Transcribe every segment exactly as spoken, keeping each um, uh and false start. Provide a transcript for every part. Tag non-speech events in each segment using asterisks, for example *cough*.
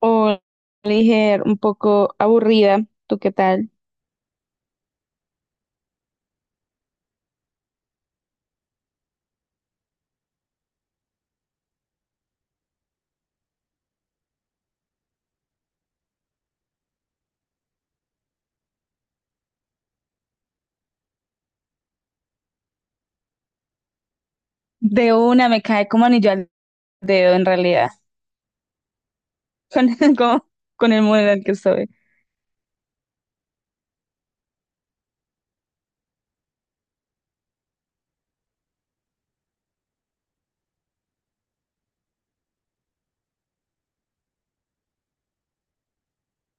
O Le dije un poco aburrida, ¿tú qué tal? De una me cae como anillo al dedo en realidad. *laughs* con, con, con el modo en el que estoy.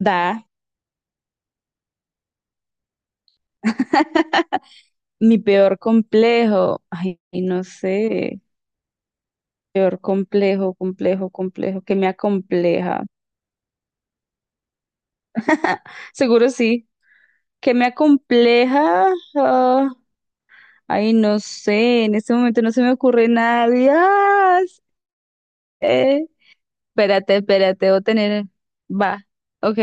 Da, mi peor complejo, ay, no sé, peor complejo, complejo, complejo, que me acompleja. *laughs* Seguro sí, que me acompleja. ah, Ay, no sé, en este momento no se me ocurre nada. Dios. Eh, Espérate, espérate, voy a tener, va, ok.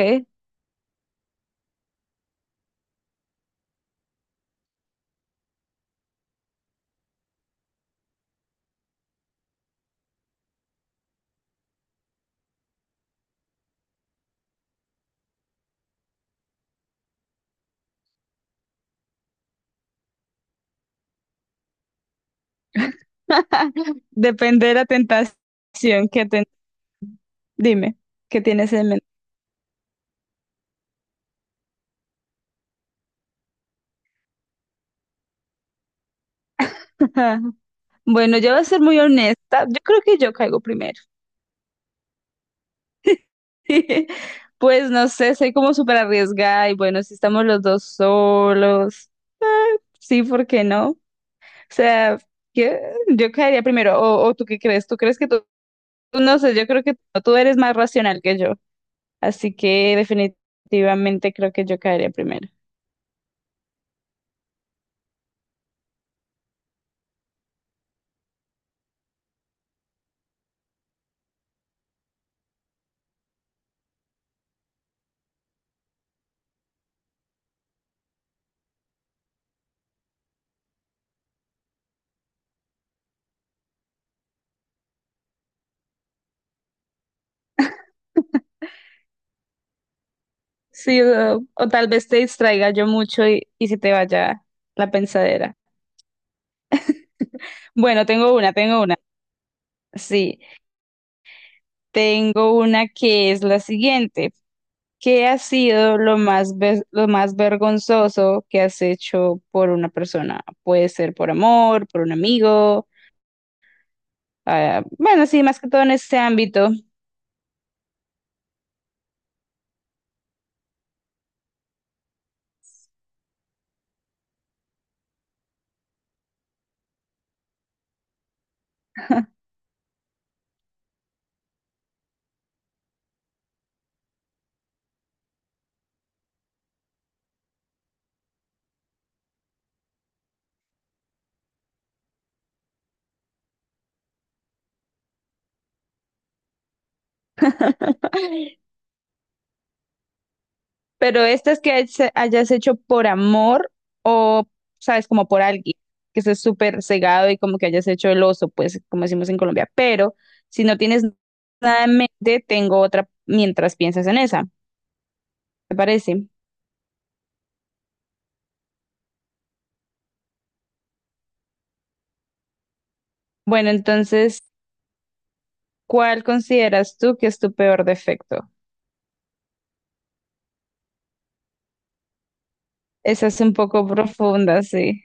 *laughs* Depende de la tentación que ten- Dime, ¿qué tienes en mente? *laughs* Bueno, yo voy a ser muy honesta. Yo creo que yo caigo primero. *laughs* Pues no sé, soy como súper arriesgada y bueno, si estamos los dos solos, ah, sí, ¿por qué no? O sea, que- yo caería primero. O, o tú qué crees? ¿Tú crees que tú? No sé, yo creo que tú eres más racional que yo. Así que definitivamente creo que yo caería primero. *laughs* Sí, o, o tal vez te distraiga yo mucho y, y se te vaya la pensadera. *laughs* Bueno, tengo una, tengo una. Sí, tengo una que es la siguiente. ¿Qué ha sido lo más, ve- lo más vergonzoso que has hecho por una persona? Puede ser por amor, por un amigo. Ah, bueno, sí, más que todo en este ámbito. *laughs* Pero estas que has- hayas hecho por amor, o, sabes, como por alguien, que estés súper cegado y como que hayas hecho el oso, pues, como decimos en Colombia. Pero si no tienes nada en mente, tengo otra mientras piensas en esa, ¿te parece? Bueno, entonces, ¿cuál consideras tú que es tu peor defecto? Esa es un poco profunda, sí.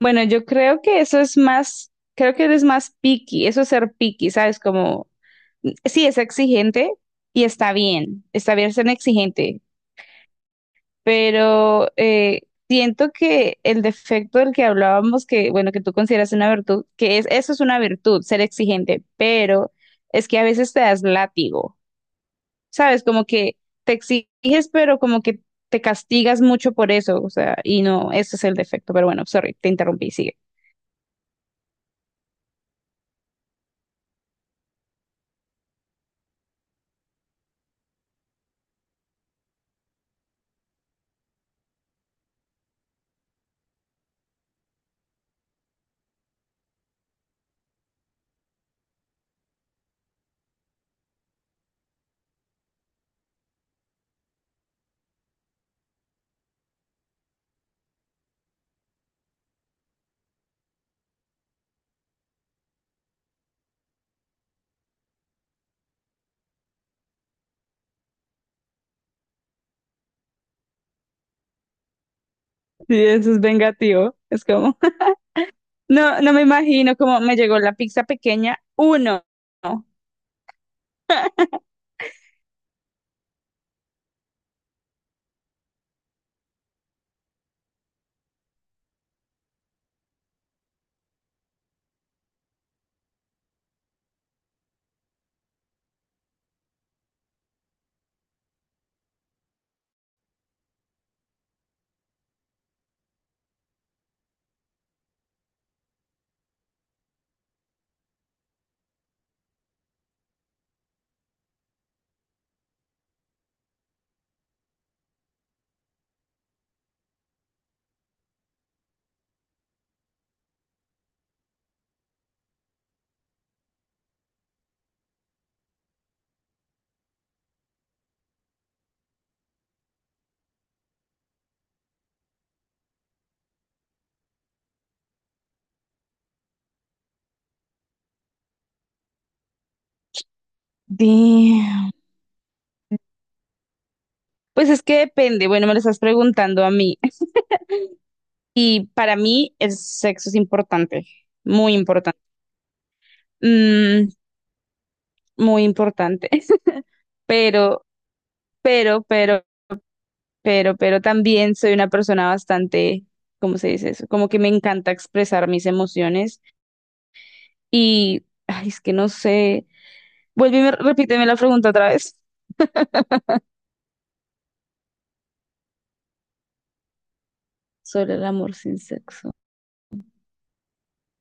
Bueno, yo creo que eso es más, creo que eres más picky, eso es ser picky, ¿sabes? Como sí es exigente y está bien, está bien ser exigente, pero eh, siento que el defecto del que hablábamos, que bueno, que tú consideras una virtud, que es, eso es una virtud, ser exigente, pero es que a veces te das látigo, ¿sabes? Como que te exiges, pero como que te castigas mucho por eso, o sea, y no, ese es el defecto, pero bueno, sorry, te interrumpí, sigue. Sí, eso es vengativo, es como, *laughs* no, no me imagino cómo me llegó la pizza pequeña, uno. Damn. Pues es que depende. Bueno, me lo estás preguntando a mí. Y para mí el sexo es importante, muy importante, Mm, muy importante. *laughs* Pero, pero, pero, pero, pero también soy una persona bastante, ¿cómo se dice eso? Como que me encanta expresar mis emociones y, ay, es que no sé. Vuelve y me- repíteme la pregunta otra vez sobre el amor sin sexo.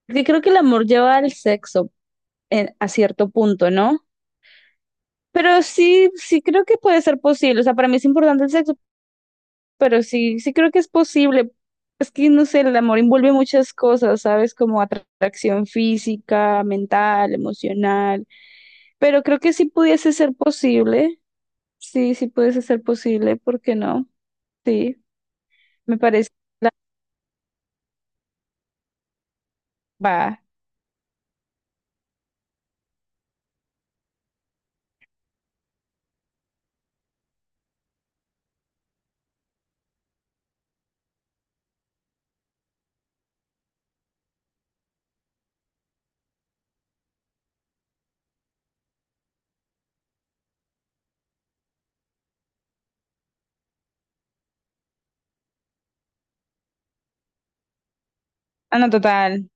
Porque creo que el amor lleva al sexo en- a cierto punto, ¿no? Pero sí, sí creo que puede ser posible. O sea, para mí es importante el sexo, pero sí, sí creo que es posible. Es que, no sé, el amor envuelve muchas cosas, ¿sabes? Como atracción física, mental, emocional. Pero creo que sí pudiese ser posible. Sí, sí pudiese ser posible, ¿por qué no? Sí, me parece. Va. Ah, no, total.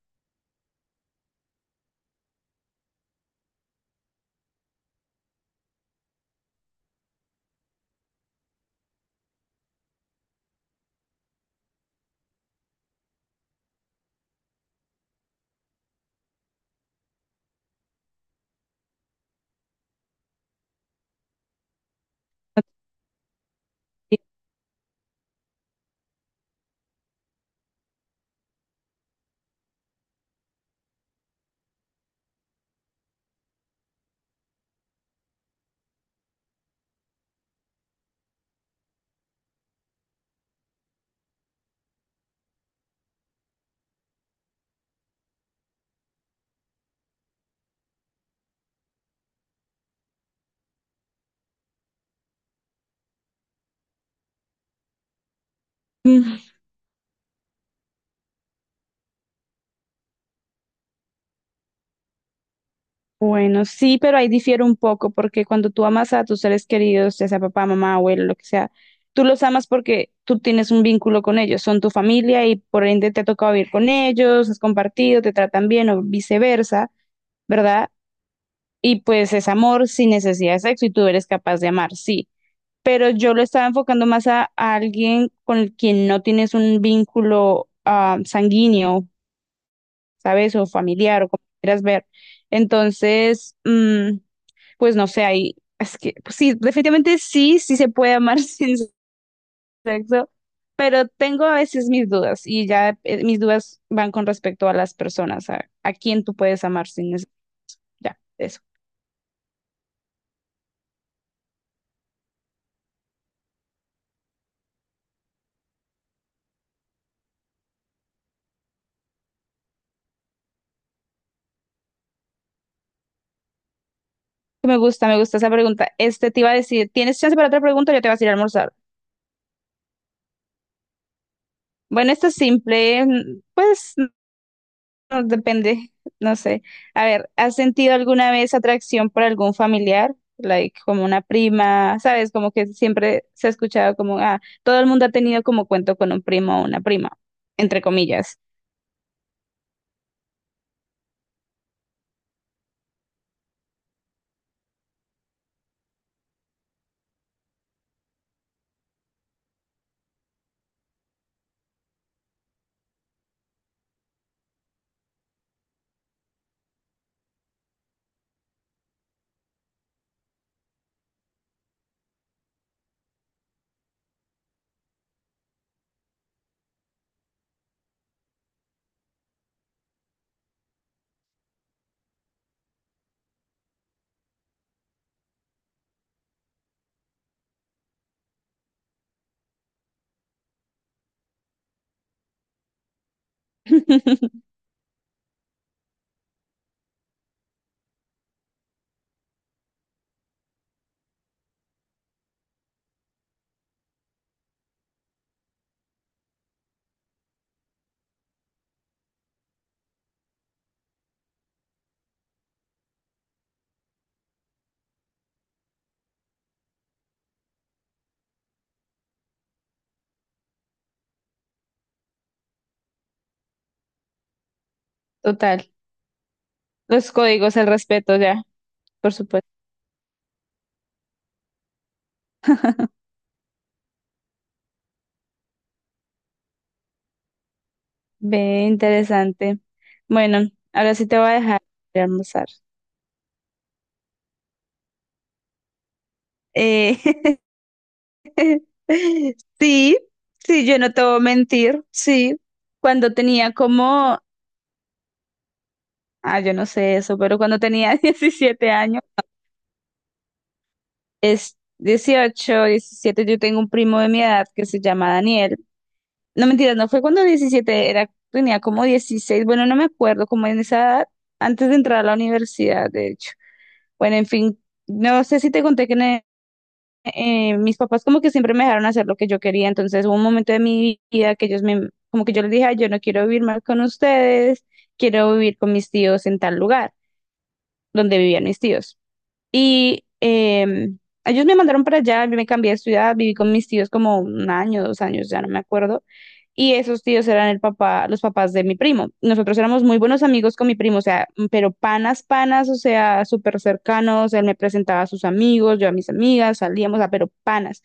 *laughs* Bueno, sí, pero ahí difiere un poco, porque cuando tú amas a tus seres queridos, ya sea papá, mamá, abuelo, lo que sea, tú los amas porque tú tienes un vínculo con ellos, son tu familia y por ende te ha tocado vivir con ellos, has compartido, te tratan bien o viceversa, ¿verdad? Y pues es amor sin necesidad de sexo y tú eres capaz de amar, sí. Pero yo lo estaba enfocando más a, a alguien con el quien no tienes un vínculo, ah, sanguíneo, ¿sabes? O familiar o como quieras ver. Entonces, mm, pues no sé, ahí, es que, pues sí, definitivamente sí, sí se puede amar *laughs* sin sexo, pero tengo a veces mis dudas y ya, eh, mis dudas van con respecto a las personas, a, a quién tú puedes amar sin eso, ya, eso. Me gusta, me gusta esa pregunta. Este te iba a decir, ¿tienes chance para otra pregunta? Yo te vas a ir a almorzar. Bueno, esta es simple, mm, pues no, depende, no sé. A ver, ¿has sentido alguna vez atracción por algún familiar? Like, como una prima, ¿sabes? Como que siempre se ha escuchado como, ah, todo el mundo ha tenido como cuento con un primo o una prima, entre comillas. *laughs* Total. Los códigos, el respeto, ya, por supuesto. Ve, interesante. Bueno, ahora sí te voy a dejar de almorzar. Eh, *laughs* sí, sí, yo no te voy a mentir, sí. Cuando tenía como Ah, yo no sé eso, pero cuando tenía *laughs* diecisiete años, es dieciocho, diecisiete. Yo tengo un primo de mi edad que se llama Daniel. No, mentira, no fue cuando diecisiete, era, tenía como dieciséis. Bueno, no me acuerdo, como en esa edad, antes de entrar a la universidad, de hecho. Bueno, en fin, no sé si te conté que en e- eh, mis papás como que siempre me dejaron hacer lo que yo quería, entonces hubo un momento de mi vida que ellos me, como que yo les dije, "Ay, yo no quiero vivir más con ustedes, quiero vivir con mis tíos en tal lugar, donde vivían mis tíos". Y em, ellos me mandaron para allá, yo me cambié de ciudad, viví con mis tíos como un año, dos años, ya no me acuerdo. Y esos tíos eran el papá, los papás de mi primo. Nosotros éramos muy buenos amigos con mi primo, o sea, mm, pero panas, panas, o sea, súper cercanos. Él me presentaba a sus amigos, yo a mis amigas, salíamos, a pero panas.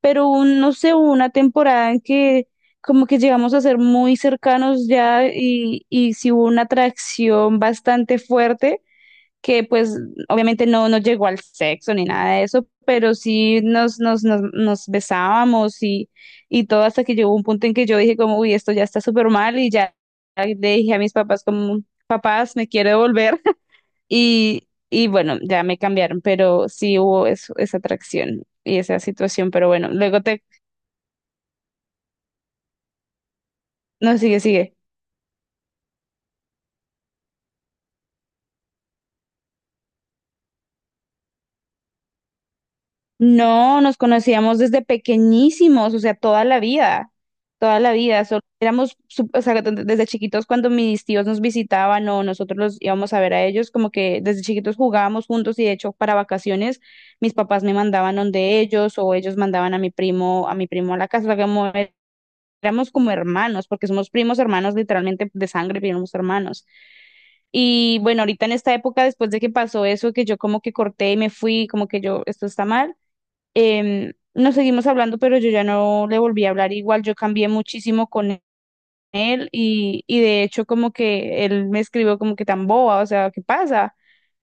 Pero un- no sé, hubo una temporada en que como que llegamos a ser muy cercanos ya y, y sí hubo una atracción bastante fuerte que pues obviamente no, no llegó al sexo ni nada de eso, pero sí nos, nos, nos, nos besábamos y, y todo hasta que llegó un punto en que yo dije como, uy, esto ya está súper mal y ya le dije a mis papás como, papás, me quiero devolver. *laughs* Y, y bueno, ya me cambiaron, pero sí hubo eso- esa atracción y esa situación, pero bueno, luego te, no, sigue, sigue. No, nos conocíamos desde pequeñísimos, o sea, toda la vida, toda la vida. Solo éramos, sup- o sea, desde desde chiquitos cuando mis tíos nos visitaban o nosotros los íbamos a ver a ellos, como que desde chiquitos jugábamos juntos y de hecho para vacaciones mis papás me mandaban donde ellos o ellos mandaban a mi primo, a mi primo a la casa, o sea, como é- éramos como hermanos, porque somos primos hermanos literalmente de sangre, primos hermanos. Y bueno, ahorita en esta época, después de que pasó eso, que yo como que corté y me fui, como que yo, esto está mal. Em, nos seguimos hablando, pero yo ya no le volví a hablar igual, yo cambié muchísimo con él, y, y de hecho como que él me escribió como que tan boba, o sea, ¿qué pasa?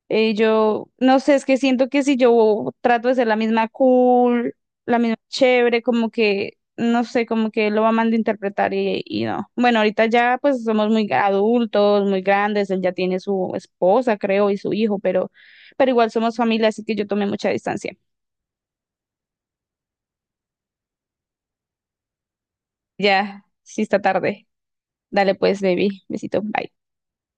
Eh, yo no sé, es que siento que si yo trato de ser la misma cool, la misma chévere, como que, no sé, como que él lo va a malinterpretar y, y no. Bueno, ahorita ya pues somos muy adultos, muy grandes, él ya tiene su esposa, creo, y su hijo, pero, pero igual somos familia, así que yo tomé mucha distancia. Ya, sí está tarde. Dale pues, baby. Besito. Bye.